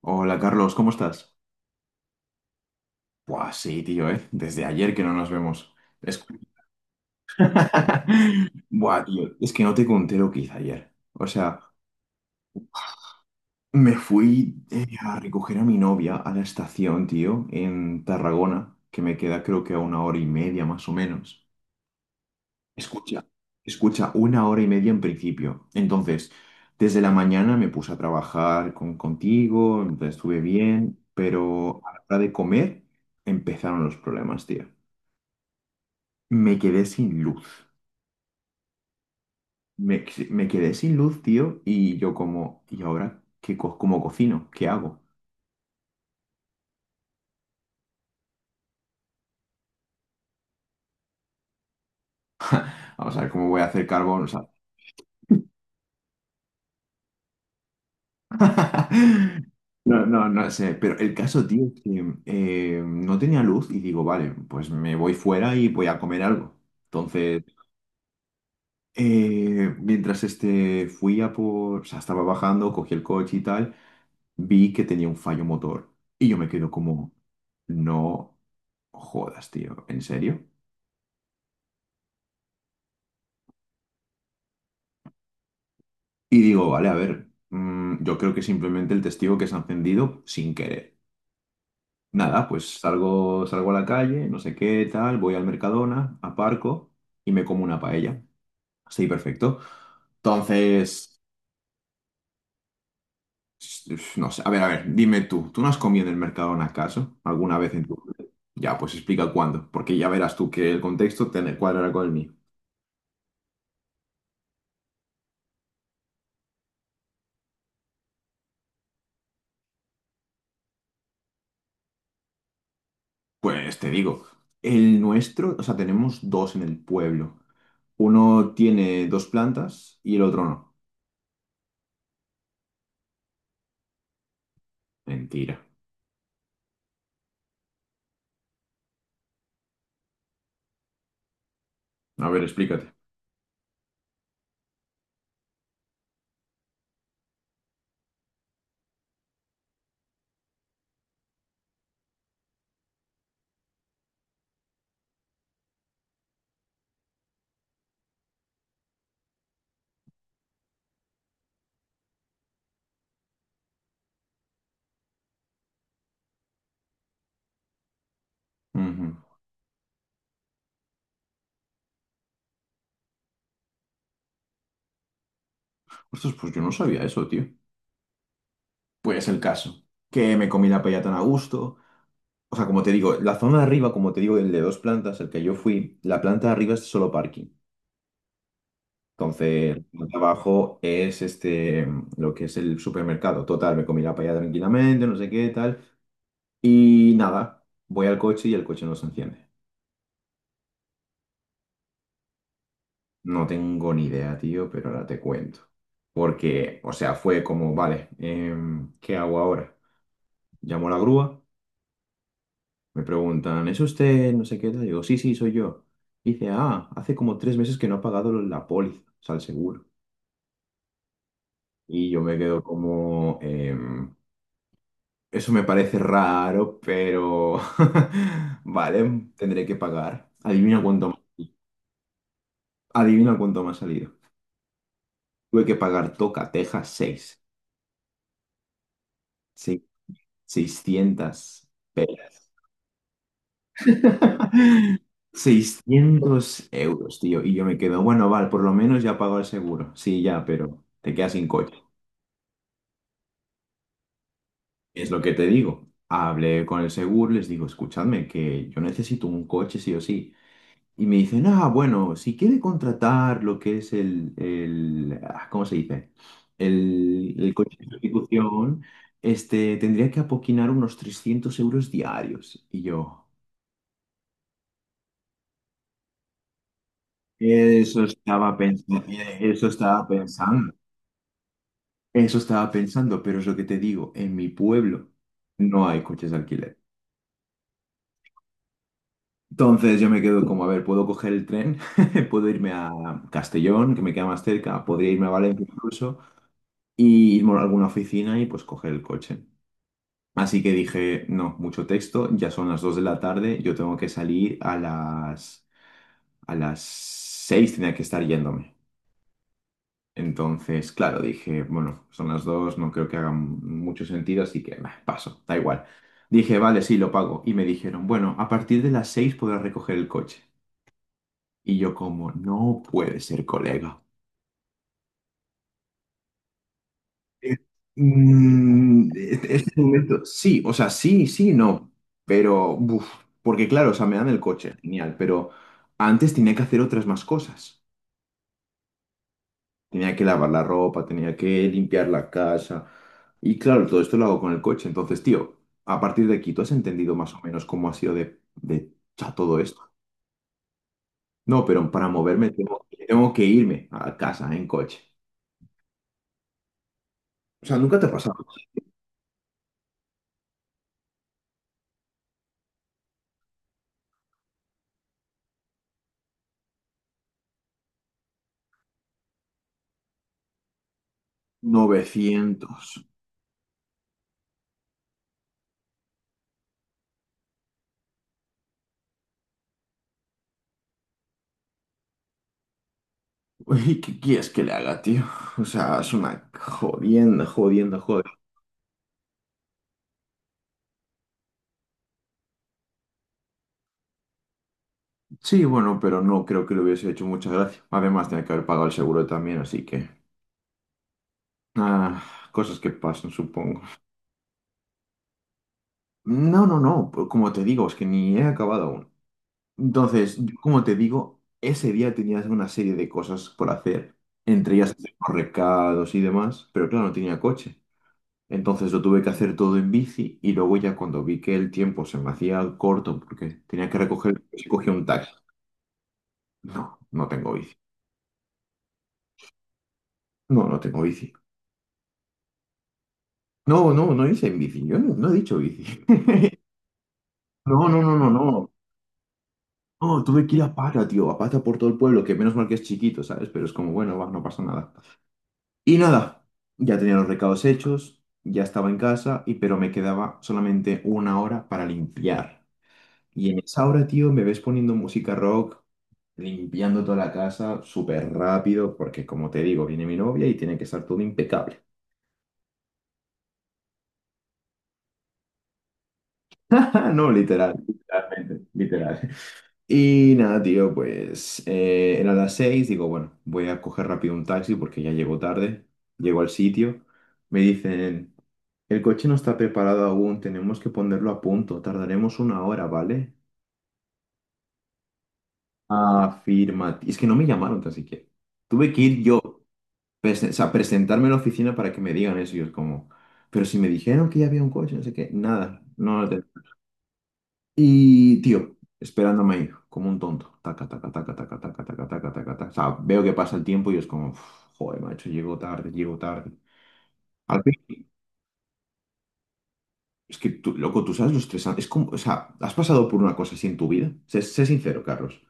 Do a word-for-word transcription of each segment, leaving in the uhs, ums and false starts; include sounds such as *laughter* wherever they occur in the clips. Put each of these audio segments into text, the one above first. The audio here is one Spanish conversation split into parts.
Hola Carlos, ¿cómo estás? Buah, sí, tío, ¿eh? Desde ayer que no nos vemos. Es... *laughs* Buah, tío, es que no te conté lo que hice ayer. O sea, me fui eh, a recoger a mi novia a la estación, tío, en Tarragona, que me queda creo que a una hora y media más o menos. Escucha, escucha, una hora y media en principio. Entonces, desde la mañana me puse a trabajar con, contigo, entonces estuve bien, pero a la hora de comer empezaron los problemas, tío. Me quedé sin luz. Me, si, me quedé sin luz, tío, y yo como, ¿y ahora qué co- cómo cocino? ¿Qué hago? Vamos a ver cómo voy a hacer carbón, o sea. *laughs* No, no, no sé, pero el caso, tío, es que eh, no tenía luz y digo, vale, pues me voy fuera y voy a comer algo. Entonces, eh, mientras este fui a por, o sea, estaba bajando, cogí el coche y tal, vi que tenía un fallo motor y yo me quedo como, no jodas, tío, ¿en serio? Y digo, vale, a ver, mm, yo creo que simplemente el testigo que se ha encendido sin querer. Nada, pues salgo, salgo a la calle, no sé qué, tal, voy al Mercadona, aparco y me como una paella. Así, perfecto. Entonces, s- no sé, a ver, a ver, dime tú, ¿tú no has comido en el Mercadona acaso alguna vez en tu vida? Ya, pues explica cuándo, porque ya verás tú que el contexto te cuadra con el mío. Pues te digo, el nuestro, o sea, tenemos dos en el pueblo. Uno tiene dos plantas y el otro no. Mentira. A ver, explícate. Ujú. Ostras, pues yo no sabía eso, tío. Pues el caso, que me comí la paella tan a gusto. O sea, como te digo, la zona de arriba, como te digo, el de dos plantas, el que yo fui, la planta de arriba es solo parking. Entonces, la planta de abajo es este, lo que es el supermercado. Total, me comí la paella tranquilamente, no sé qué, tal. Y nada, voy al coche y el coche no se enciende. No tengo ni idea, tío, pero ahora te cuento. Porque, o sea, fue como, vale, em, ¿qué hago ahora? Llamo a la grúa, me preguntan, ¿es usted no sé qué? Tal?". Digo, sí, sí, soy yo. Dice, ah, hace como tres meses que no ha pagado la póliza, o sea, el seguro. Y yo me quedo como, "Em, eso me parece raro, pero *laughs* vale, tendré que pagar. Adivina cuánto, adivina cuánto me ha salido. Tuve que pagar Toca, Texas, seis, seiscientos pelas. *laughs* seiscientos euros, tío. Y yo me quedo, bueno, vale, por lo menos ya pago el seguro. Sí, ya, pero te quedas sin coche. Es lo que te digo. Hablé con el seguro, les digo, escuchadme, que yo necesito un coche sí o sí. Y me dicen, ah, bueno, si quiere contratar lo que es el, el ah, ¿cómo se dice? El, el coche de sustitución, este, tendría que apoquinar unos trescientos euros diarios. Y yo, eso estaba pensando, eso estaba pensando. Eso estaba pensando, pero es lo que te digo, en mi pueblo no hay coches de alquiler. Entonces yo me quedo como, a ver, puedo coger el tren, *laughs* puedo irme a Castellón, que me queda más cerca, podría irme a Valencia incluso, y irme a alguna oficina y pues coger el coche. Así que dije, no, mucho texto, ya son las dos de la tarde, yo tengo que salir a las, a las, seis tenía que estar yéndome. Entonces, claro, dije, bueno, son las dos, no creo que hagan mucho sentido, así que bah, paso, da igual. Dije, vale, sí, lo pago. Y me dijeron, bueno, a partir de las seis podrás recoger el coche. Y yo como, no puede ser, colega. Eh, mm, e- este momento, sí, o sea, sí, sí, no. Pero, buf, porque claro, o sea, me dan el coche, genial, pero antes tenía que hacer otras más cosas. Tenía que lavar la ropa, tenía que limpiar la casa. Y claro, todo esto lo hago con el coche. Entonces, tío, a partir de aquí, ¿tú has entendido más o menos cómo ha sido de, de cha- todo esto? No, pero para moverme tengo, tengo que irme a casa en coche. O sea, nunca te ha pasado. Novecientos. *laughs* Uy, ¿qué quieres que le haga, tío? O sea, es una jodienda, jodienda, joder. Sí, bueno, pero no creo que le hubiese hecho mucha gracia. Además, tenía que haber pagado el seguro también, así que... ah, cosas que pasan, supongo. No, no, no, pues como te digo, es que ni he acabado aún. Entonces, yo, como te digo, ese día tenías una serie de cosas por hacer, entre ellas hacer los recados y demás, pero claro, no tenía coche. Entonces lo tuve que hacer todo en bici y luego ya cuando vi que el tiempo se me hacía corto porque tenía que recoger, cogí un taxi. No, no tengo bici. No, no tengo bici. No, no, no hice en bici. Yo no, no he dicho bici. *laughs* No, no, no, no, no. No, tuve que ir a pata, tío, a pata por todo el pueblo, que menos mal que es chiquito, ¿sabes? Pero es como, bueno, va, no pasa nada. Y nada, ya tenía los recados hechos, ya estaba en casa, y pero me quedaba solamente una hora para limpiar. Y en esa hora, tío, me ves poniendo música rock, limpiando toda la casa súper rápido, porque como te digo, viene mi novia y tiene que estar todo impecable. *laughs* No, literal, literalmente, literal. Y nada, tío, pues eh, era las seis, digo, bueno, voy a coger rápido un taxi porque ya llego tarde, llego al sitio, me dicen, el coche no está preparado aún, tenemos que ponerlo a punto, tardaremos una hora, ¿vale? Afirma, es que no me llamaron tan siquiera, tuve que ir yo, presen- o sea, presentarme en la oficina para que me digan eso, y yo es como, pero si me dijeron que ya había un coche, no sé qué, nada, no lo tenemos. Y, tío, esperándome ahí, como un tonto. Taca, taca, taca, taca, taca, taca, taca, taca, taca. O sea, veo que pasa el tiempo y es como, "Uf, joder, macho, llego tarde, llego tarde. Al fin, es que tú, loco, tú sabes lo estresante. Es como, o sea, ¿has pasado por una cosa así en tu vida? Sé, sé sincero, Carlos.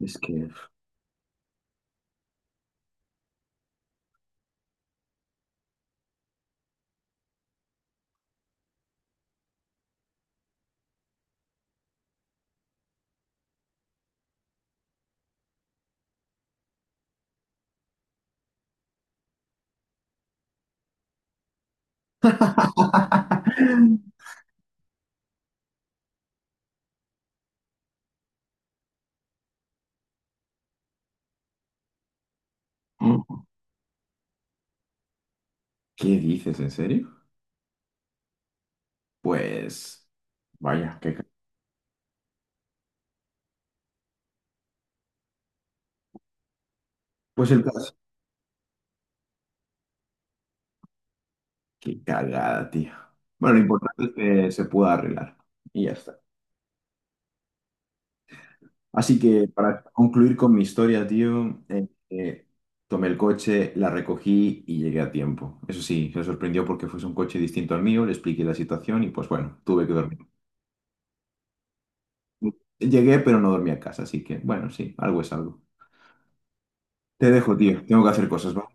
Es que... *laughs* ¿Qué dices, en serio? Pues, vaya, qué... ca- Pues el caso, qué cagada, tío. Bueno, lo importante es que se pueda arreglar. Y ya está. Así que para concluir con mi historia, tío, eh, eh, tomé el coche, la recogí y llegué a tiempo. Eso sí, se sorprendió porque fuese un coche distinto al mío, le expliqué la situación y pues bueno, tuve que dormir. Llegué, pero no dormí a casa, así que bueno, sí, algo es algo. Te dejo, tío, tengo que hacer cosas. ¿Va?